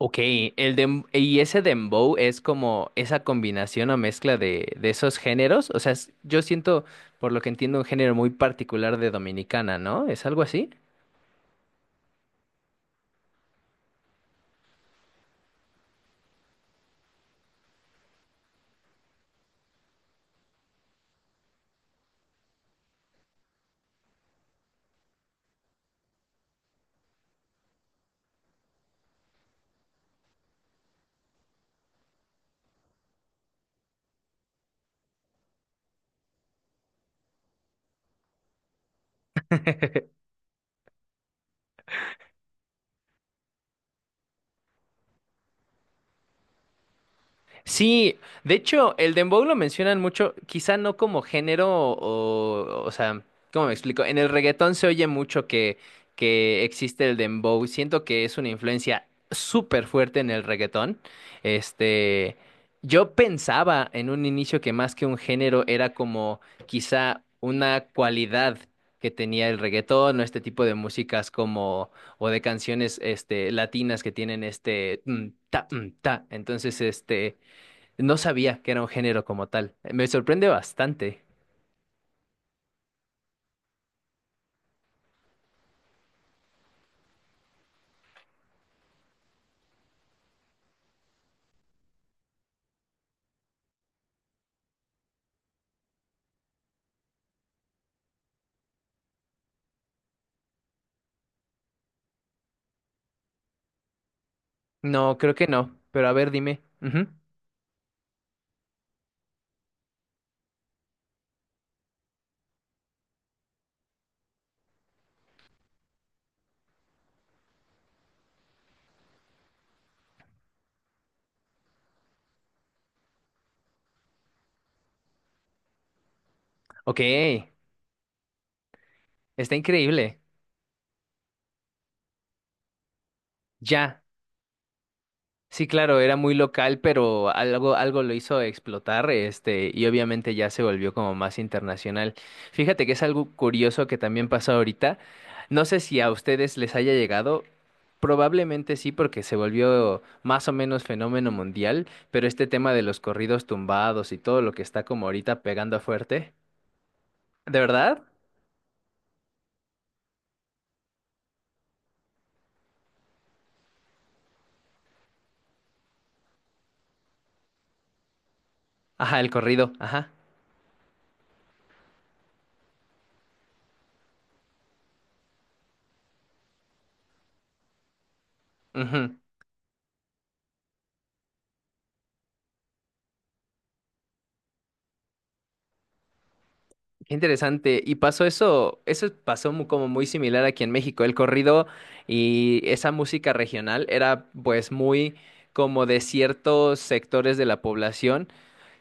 Ok, y ese dembow es como esa combinación o mezcla de esos géneros. O sea, yo siento, por lo que entiendo, un género muy particular de Dominicana, ¿no? ¿Es algo así? Sí, de hecho, el dembow lo mencionan mucho, quizá no como género o sea, ¿cómo me explico? En el reggaetón se oye mucho que existe el dembow. Siento que es una influencia súper fuerte en el reggaetón. Este, yo pensaba en un inicio que más que un género era como quizá una cualidad que tenía el reggaetón o este tipo de músicas como o de canciones este latinas que tienen este mm, ta mm, ta. Entonces, este no sabía que era un género como tal. Me sorprende bastante. No, creo que no. Pero a ver, dime. Ujú. Ok, está increíble. Ya. Sí, claro, era muy local, pero algo, algo lo hizo explotar, este, y obviamente ya se volvió como más internacional. Fíjate que es algo curioso que también pasó ahorita. No sé si a ustedes les haya llegado. Probablemente sí, porque se volvió más o menos fenómeno mundial, pero este tema de los corridos tumbados y todo lo que está como ahorita pegando fuerte. ¿De verdad? Ajá, el corrido, ajá. Ujú. Qué interesante. Y pasó eso, eso pasó como muy similar aquí en México. El corrido y esa música regional era pues muy como de ciertos sectores de la población.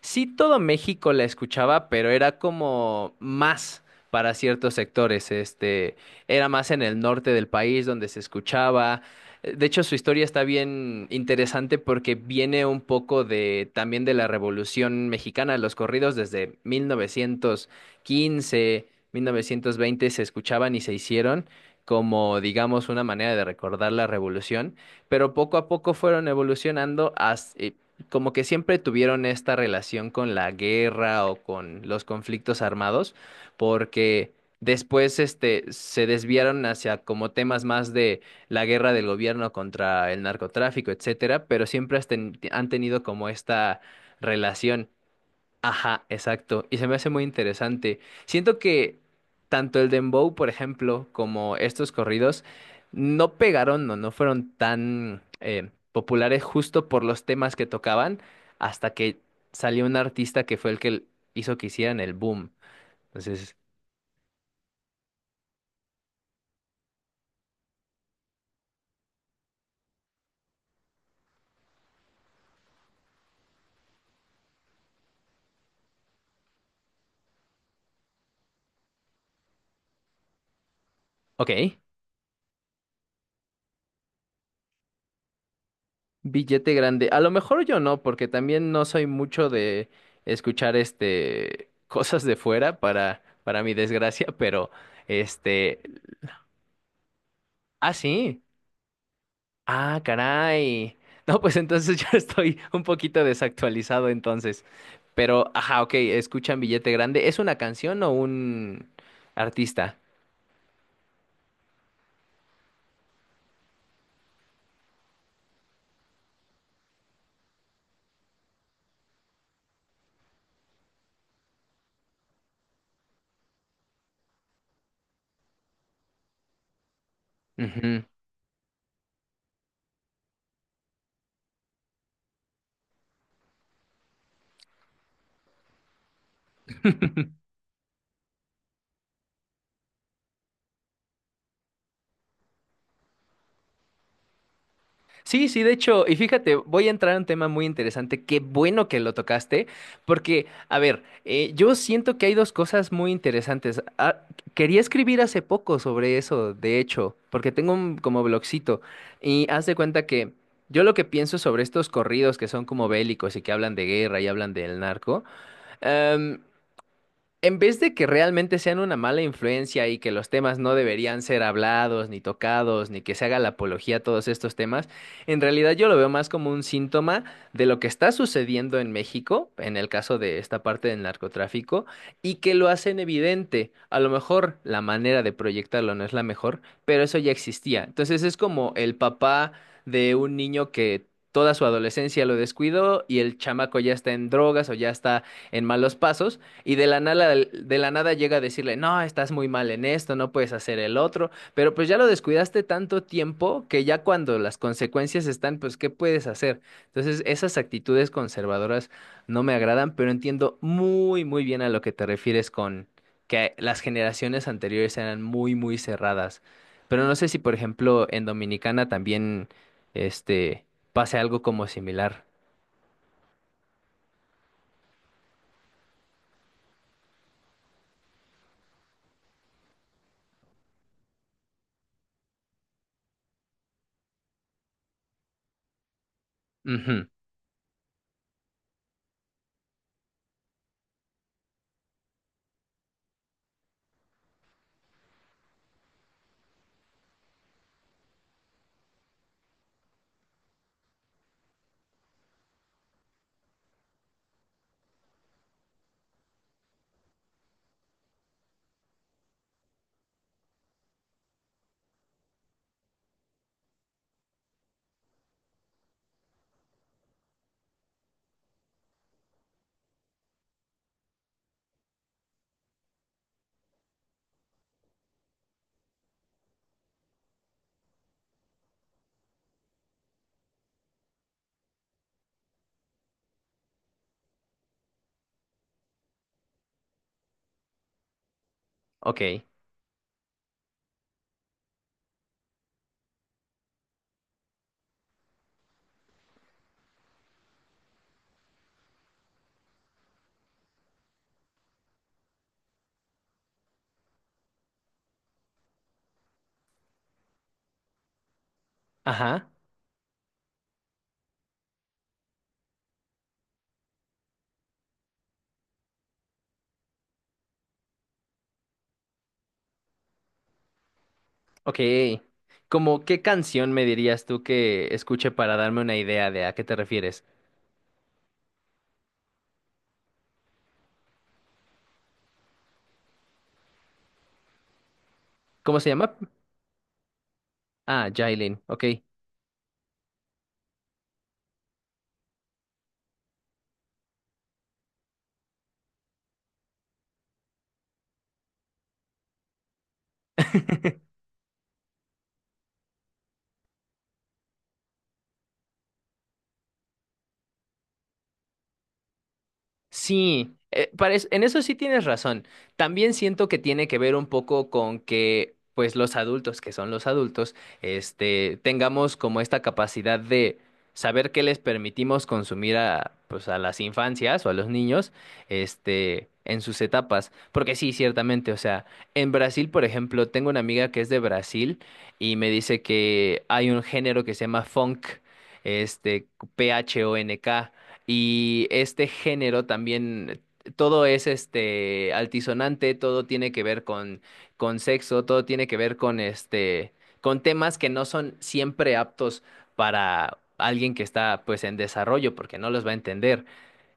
Sí, todo México la escuchaba, pero era como más para ciertos sectores. Este, era más en el norte del país donde se escuchaba. De hecho, su historia está bien interesante porque viene un poco de también de la Revolución Mexicana, los corridos desde 1915, 1920 se escuchaban y se hicieron como, digamos, una manera de recordar la revolución, pero poco a poco fueron evolucionando como que siempre tuvieron esta relación con la guerra o con los conflictos armados, porque después este se desviaron hacia como temas más de la guerra del gobierno contra el narcotráfico, etcétera, pero siempre han tenido como esta relación. Ajá, exacto. Y se me hace muy interesante. Siento que tanto el dembow, por ejemplo, como estos corridos no pegaron o no fueron tan populares justo por los temas que tocaban hasta que salió un artista que fue el que hizo que hicieran el boom. Entonces, ok, billete grande. A lo mejor yo no, porque también no soy mucho de escuchar este cosas de fuera para mi desgracia, pero este... Ah, sí. Ah, caray. No, pues entonces yo estoy un poquito desactualizado entonces. Pero, ajá, ok, escuchan Billete Grande. ¿Es una canción o un artista? Ujú. Sí, sí, de hecho, y fíjate, voy a entrar a un tema muy interesante, qué bueno que lo tocaste, porque, a ver, yo siento que hay dos cosas muy interesantes. Ah, quería escribir hace poco sobre eso, de hecho, porque tengo un como blogcito, y haz de cuenta que yo lo que pienso sobre estos corridos que son como bélicos y que hablan de guerra y hablan del narco, em, en vez de que realmente sean una mala influencia y que los temas no deberían ser hablados, ni tocados, ni que se haga la apología a todos estos temas, en realidad yo lo veo más como un síntoma de lo que está sucediendo en México, en el caso de esta parte del narcotráfico, y que lo hacen evidente. A lo mejor la manera de proyectarlo no es la mejor, pero eso ya existía. Entonces es como el papá de un niño que... Toda su adolescencia lo descuidó y el chamaco ya está en drogas o ya está en malos pasos y de la nada llega a decirle, no, estás muy mal en esto, no puedes hacer el otro, pero pues ya lo descuidaste tanto tiempo que ya cuando las consecuencias están, pues, ¿qué puedes hacer? Entonces, esas actitudes conservadoras no me agradan, pero entiendo muy, muy bien a lo que te refieres con que las generaciones anteriores eran muy, muy cerradas. Pero no sé si, por ejemplo, en Dominicana también, este, pase algo como similar. Ujú, ok. Ajá. Ok. ¿Como qué canción me dirías tú que escuche para darme una idea de a qué te refieres? ¿Cómo se llama? Ah, Jailin. Ok. Sí, en eso sí tienes razón. También siento que tiene que ver un poco con que, pues, los adultos, que son los adultos, este, tengamos como esta capacidad de saber qué les permitimos consumir a, pues, a las infancias o a los niños, este, en sus etapas. Porque sí, ciertamente, o sea, en Brasil, por ejemplo, tengo una amiga que es de Brasil y me dice que hay un género que se llama funk, este, P-H-O-N-K. Y este género también, todo es este altisonante, todo tiene que ver con sexo, todo tiene que ver con este, con temas que no son siempre aptos para alguien que está pues en desarrollo, porque no los va a entender.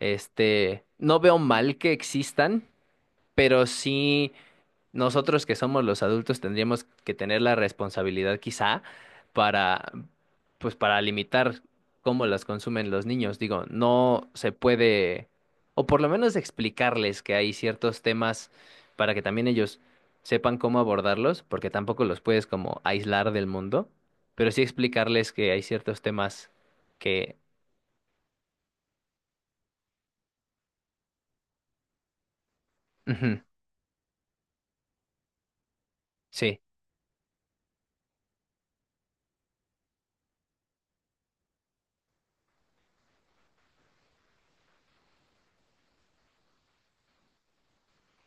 Este, no veo mal que existan, pero sí nosotros que somos los adultos tendríamos que tener la responsabilidad quizá para, pues para limitar cómo las consumen los niños. Digo, no se puede, o por lo menos explicarles que hay ciertos temas para que también ellos sepan cómo abordarlos, porque tampoco los puedes como aislar del mundo, pero sí explicarles que hay ciertos temas que, ujú, sí,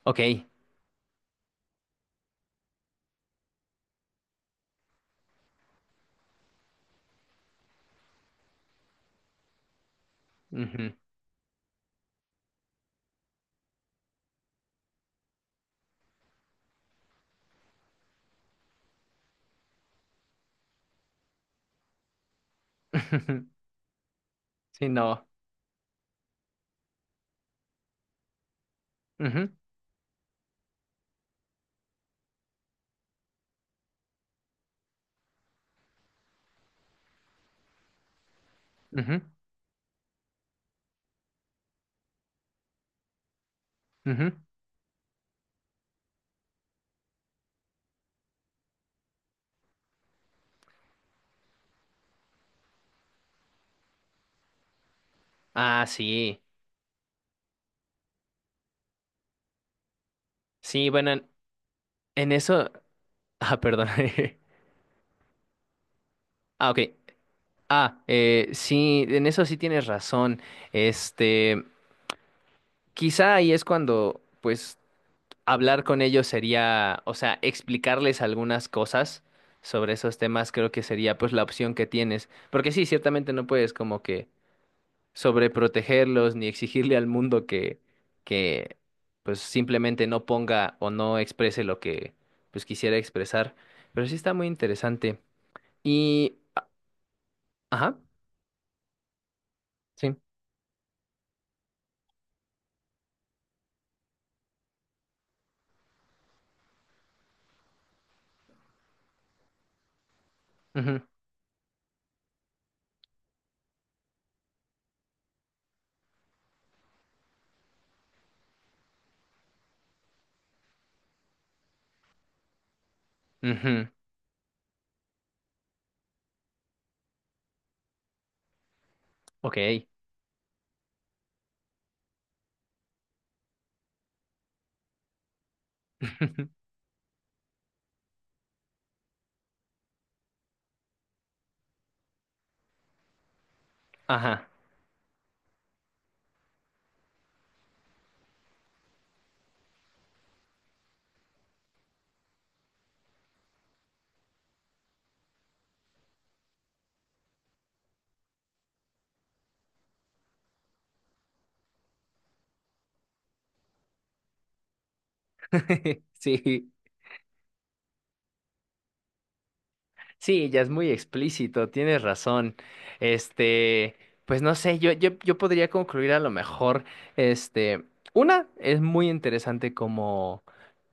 ok, ujú, sí, no, ujú, ujú, ujú. Ah, sí. Sí, bueno, en eso. Ah, perdón. Ah, ok. Sí, en eso sí tienes razón. Este, quizá ahí es cuando, pues, hablar con ellos sería, o sea, explicarles algunas cosas sobre esos temas, creo que sería, pues, la opción que tienes. Porque sí, ciertamente no puedes como que sobreprotegerlos ni exigirle al mundo que, pues, simplemente no ponga o no exprese lo que, pues, quisiera expresar. Pero sí está muy interesante. Y, ajá, sí. Ujú, ujú, ok. Ajá. Sí, sí, ya es muy explícito, tienes razón. Este, pues no sé, yo podría concluir a lo mejor, este, una, es muy interesante cómo,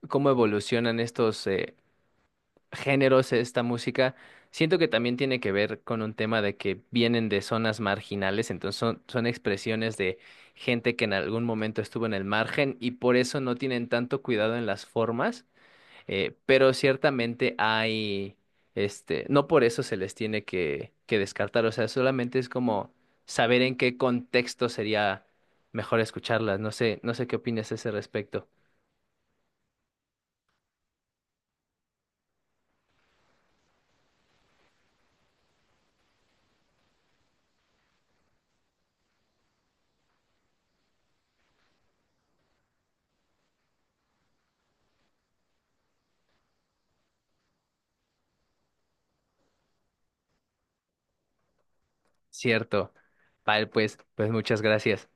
cómo evolucionan estos, géneros esta música. Siento que también tiene que ver con un tema de que vienen de zonas marginales, entonces son, son expresiones de gente que en algún momento estuvo en el margen y por eso no tienen tanto cuidado en las formas, pero ciertamente hay, este, no por eso se les tiene que descartar, o sea, solamente es como saber en qué contexto sería mejor escucharlas. No sé, no sé qué opinas a ese respecto. Cierto. Vale, pues, pues muchas gracias.